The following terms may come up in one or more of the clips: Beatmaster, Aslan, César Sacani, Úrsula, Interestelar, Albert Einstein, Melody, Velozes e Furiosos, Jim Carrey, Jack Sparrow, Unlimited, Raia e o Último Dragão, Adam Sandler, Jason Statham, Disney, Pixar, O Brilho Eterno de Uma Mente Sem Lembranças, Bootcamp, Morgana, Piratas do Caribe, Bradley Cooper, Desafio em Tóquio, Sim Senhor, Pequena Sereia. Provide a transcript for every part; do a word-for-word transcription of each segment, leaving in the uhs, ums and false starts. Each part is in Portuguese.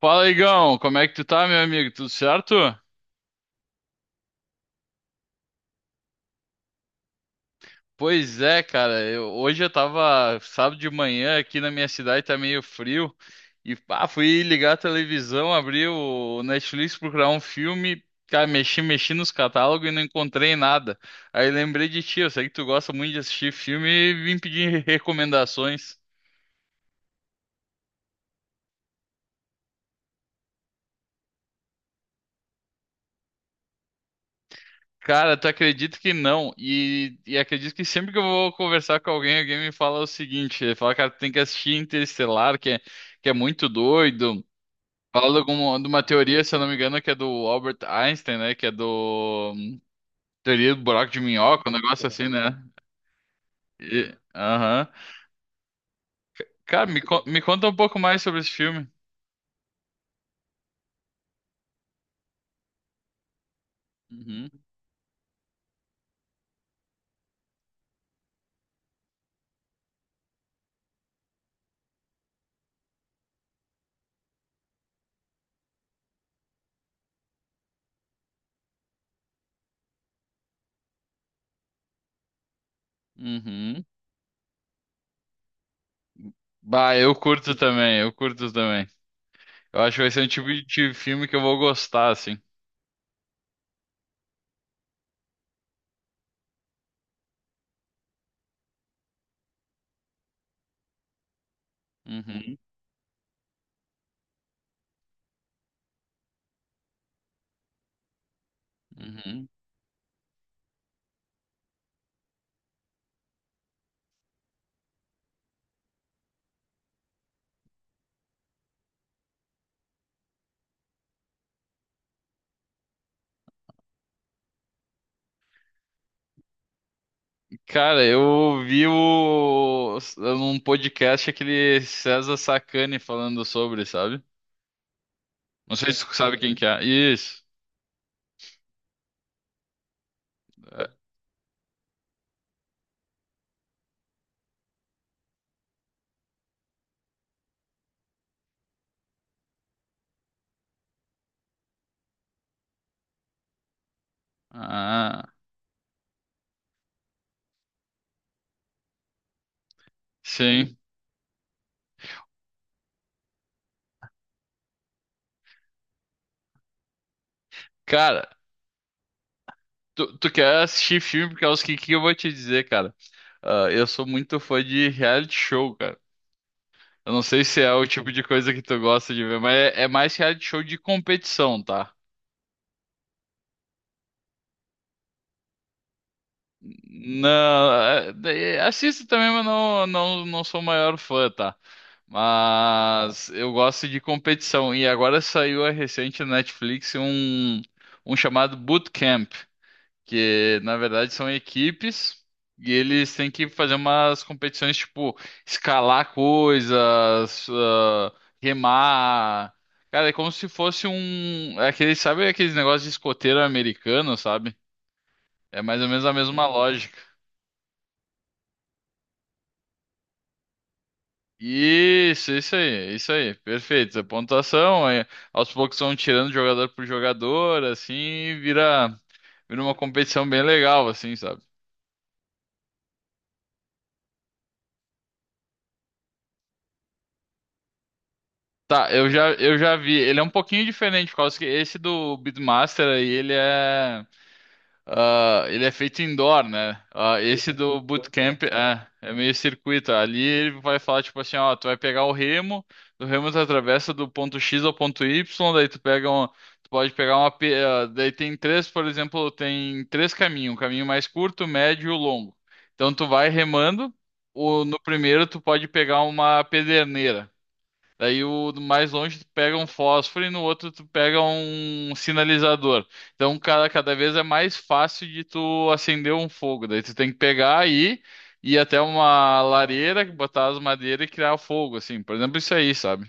Fala, Igão, como é que tu tá, meu amigo? Tudo certo? Pois é, cara, eu- hoje eu tava sábado de manhã aqui na minha cidade, tá meio frio, e pá, fui ligar a televisão, abri o Netflix, procurar um filme, cara, mexi, mexi nos catálogos e não encontrei nada. Aí lembrei de ti, eu sei que tu gosta muito de assistir filme e vim pedir recomendações. Cara, tu acredita que não? E, e acredito que sempre que eu vou conversar com alguém, alguém me fala o seguinte: ele fala, cara, tu tem que assistir Interestelar, que é, que é muito doido. Fala de, alguma, de uma teoria, se eu não me engano, que é do Albert Einstein, né? Que é do hum, teoria do buraco de minhoca, um negócio assim, né? E- Aham. Cara, me, con- me conta um pouco mais sobre esse filme. Uhum, uhum. Bah, eu curto também, eu curto também. Eu acho que vai ser um tipo de filme que eu vou gostar, assim. Uhum, uhum. Cara, eu vi o, um podcast aquele César Sacani falando sobre, sabe? Não sei se tu sabe quem que é. Isso. É. Ah, sim. Cara, tu, tu quer assistir filme porque é os que, que eu vou te dizer, cara. Ah, eu sou muito fã de reality show, cara. Eu não sei se é o tipo de coisa que tu gosta de ver, mas é, é mais reality show de competição, tá? Não, é- é- assisto também, mas não, não, não sou o maior fã, tá? Mas eu gosto de competição. E agora saiu a recente na Netflix um, um chamado Bootcamp, que na verdade são equipes e eles têm que fazer umas competições tipo escalar coisas, ah, remar. Cara, é como se fosse um. é aquele, sabe aqueles negócios de escoteiro americano, sabe? É mais ou menos a mesma Hum. lógica. Isso, isso aí, isso aí, perfeito. A pontuação, aí, aos poucos vão tirando jogador por jogador, assim, e vira, vira uma competição bem legal, assim, sabe? Tá, eu já, eu já vi. Ele é um pouquinho diferente, por causa que esse do Beatmaster aí, ele é. Ah, ele é feito indoor, né? Ah, esse do bootcamp é, é meio circuito. Ali ele vai falar tipo assim, ó, tu vai pegar o remo, do remo tu atravessa do ponto X ao ponto Y, daí tu pega um, tu pode pegar uma, pe- ah, daí tem três, por exemplo, tem três caminhos, um caminho mais curto, médio e o longo. Então tu vai remando, o, no primeiro tu pode pegar uma pederneira. Daí o do mais longe tu pega um fósforo e no outro tu pega um sinalizador. Então, cara, cada vez é mais fácil de tu acender um fogo. Daí tu tem que pegar aí e ir até uma lareira, botar as madeiras e criar o fogo, assim. Por exemplo, isso aí, sabe?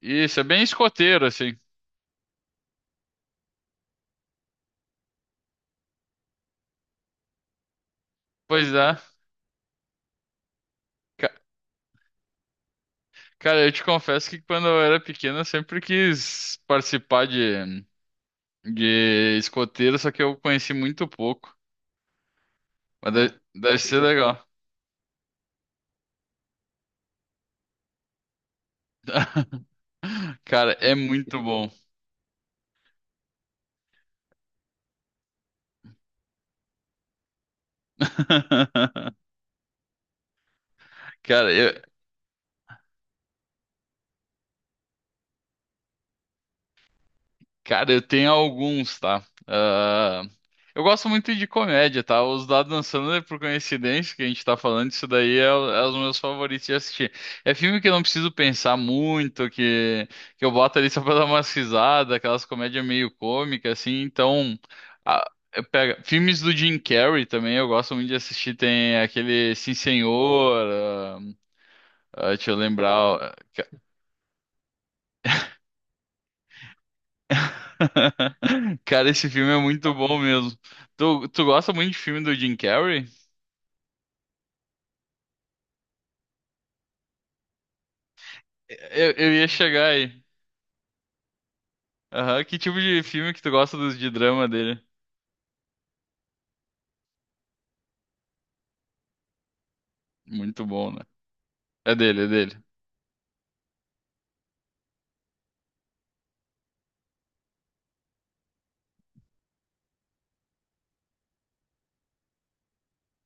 Isso é bem escoteiro, assim. Pois é. Ca- Cara, eu te confesso que quando eu era pequeno eu sempre quis participar de, de escoteiro, só que eu conheci muito pouco. Mas deve, deve ser legal. Cara, é muito bom. Cara, eu, cara, eu tenho alguns, tá? Ah, eu gosto muito de comédia, tá? Os da Adam Sandler, por coincidência, que a gente tá falando, isso daí é, o- é os meus favoritos de assistir. É filme que eu não preciso pensar muito, que, que eu boto ali só pra dar umas risadas, aquelas comédias meio cômicas, assim. Então, a- eu pego- filmes do Jim Carrey também, eu gosto muito de assistir. Tem aquele Sim Senhor, ah, ah, deixa eu lembrar. ah, Cara, esse filme é muito bom mesmo. Tu, tu gosta muito de filme do Jim Carrey? Eu, eu ia chegar aí. Aham. Que tipo de filme que tu gosta dos de drama dele? Muito bom, né? É dele, é dele.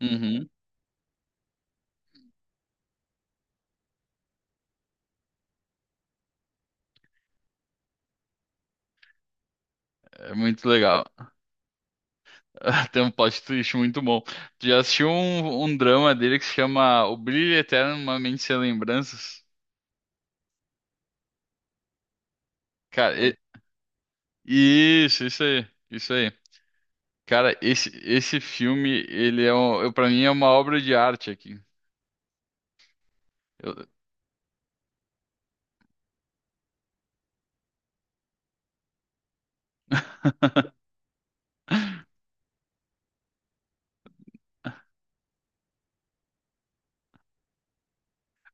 Uhum. É muito legal. Tem um plot twist muito bom. Tu já assistiu um, um drama dele que se chama O Brilho Eterno de Uma Mente Sem Lembranças? Cara, e- isso, isso aí, isso aí. Cara, esse, esse filme, ele é um, eu, pra mim é uma obra de arte aqui. Eu-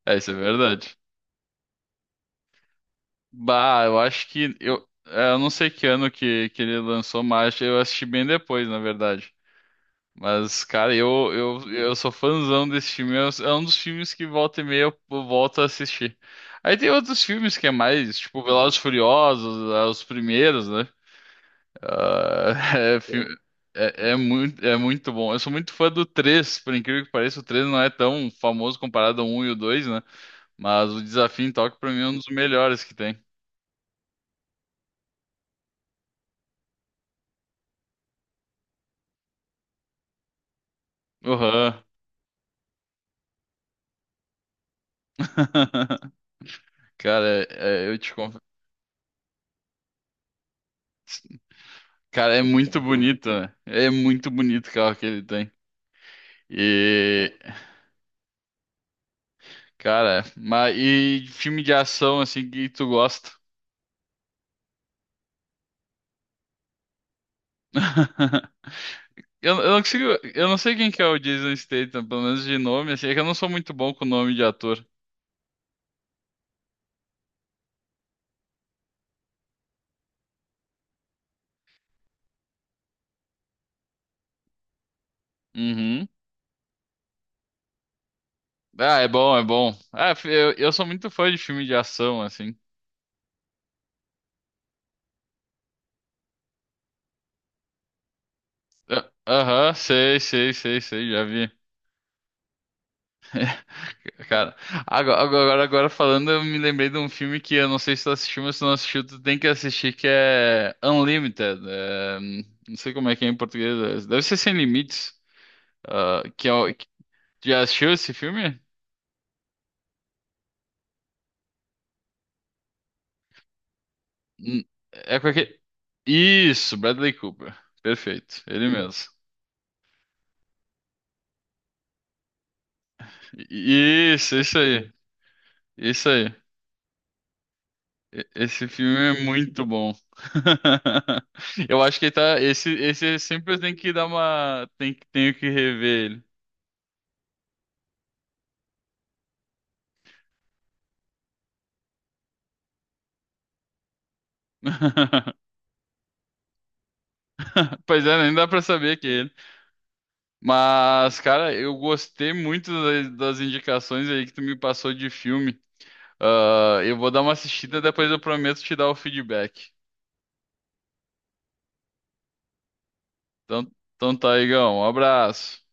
É, isso é verdade. Bah, eu acho que eu, é, eu não sei que ano que, que ele lançou, mas eu assisti bem depois, na verdade. Mas, cara, eu, eu, eu sou fãzão desse filme. É um é um dos filmes que volta e meia eu eu volto a assistir. Aí tem outros filmes que é mais, tipo, Velozes e Furiosos, é, os primeiros, né? Ah, é, fi- é, é muito, é muito bom. Eu sou muito fã do três, por incrível que pareça, o três não é tão famoso comparado ao um e o dois, né? Mas o Desafio em Tóquio, pra mim, é um dos melhores que tem. Aham. Cara, é- é, eu te confesso. Cara, é muito bonito, né? É muito bonito o carro que ele tem. E, cara, mas e filme de ação assim que tu gosta? Eu, eu não consigo, eu não sei quem que é o Jason Statham, pelo menos de nome, assim, é que eu não sou muito bom com nome de ator. Uhum. Ah, é bom, é bom. Ah, fi- eu, eu sou muito fã de filme de ação, assim. Ah, Aham, sei, sei, sei, sei, já vi. Cara, agora, agora, agora falando, eu me lembrei de um filme que eu não sei se tu assistiu, mas se tu não assistiu, tu tem que assistir, que é Unlimited. é, não sei como é que é em português. é, Deve ser Sem Limites. Ah, que é, o- que- já assistiu esse filme? Hum, É com aquele... Isso, Bradley Cooper. Perfeito, ele mesmo. I- Isso, isso aí. Isso aí. E- Esse filme é muito bom. Eu acho que ele tá. Esse, esse é sempre tem que dar uma. Tem, que- tenho que rever. Pois é, nem dá pra saber que é ele. Mas, cara, eu gostei muito das, das indicações aí que tu me passou de filme. Ah, eu vou dar uma assistida, depois eu prometo te dar o feedback. Então, então tá, Igão. Um abraço.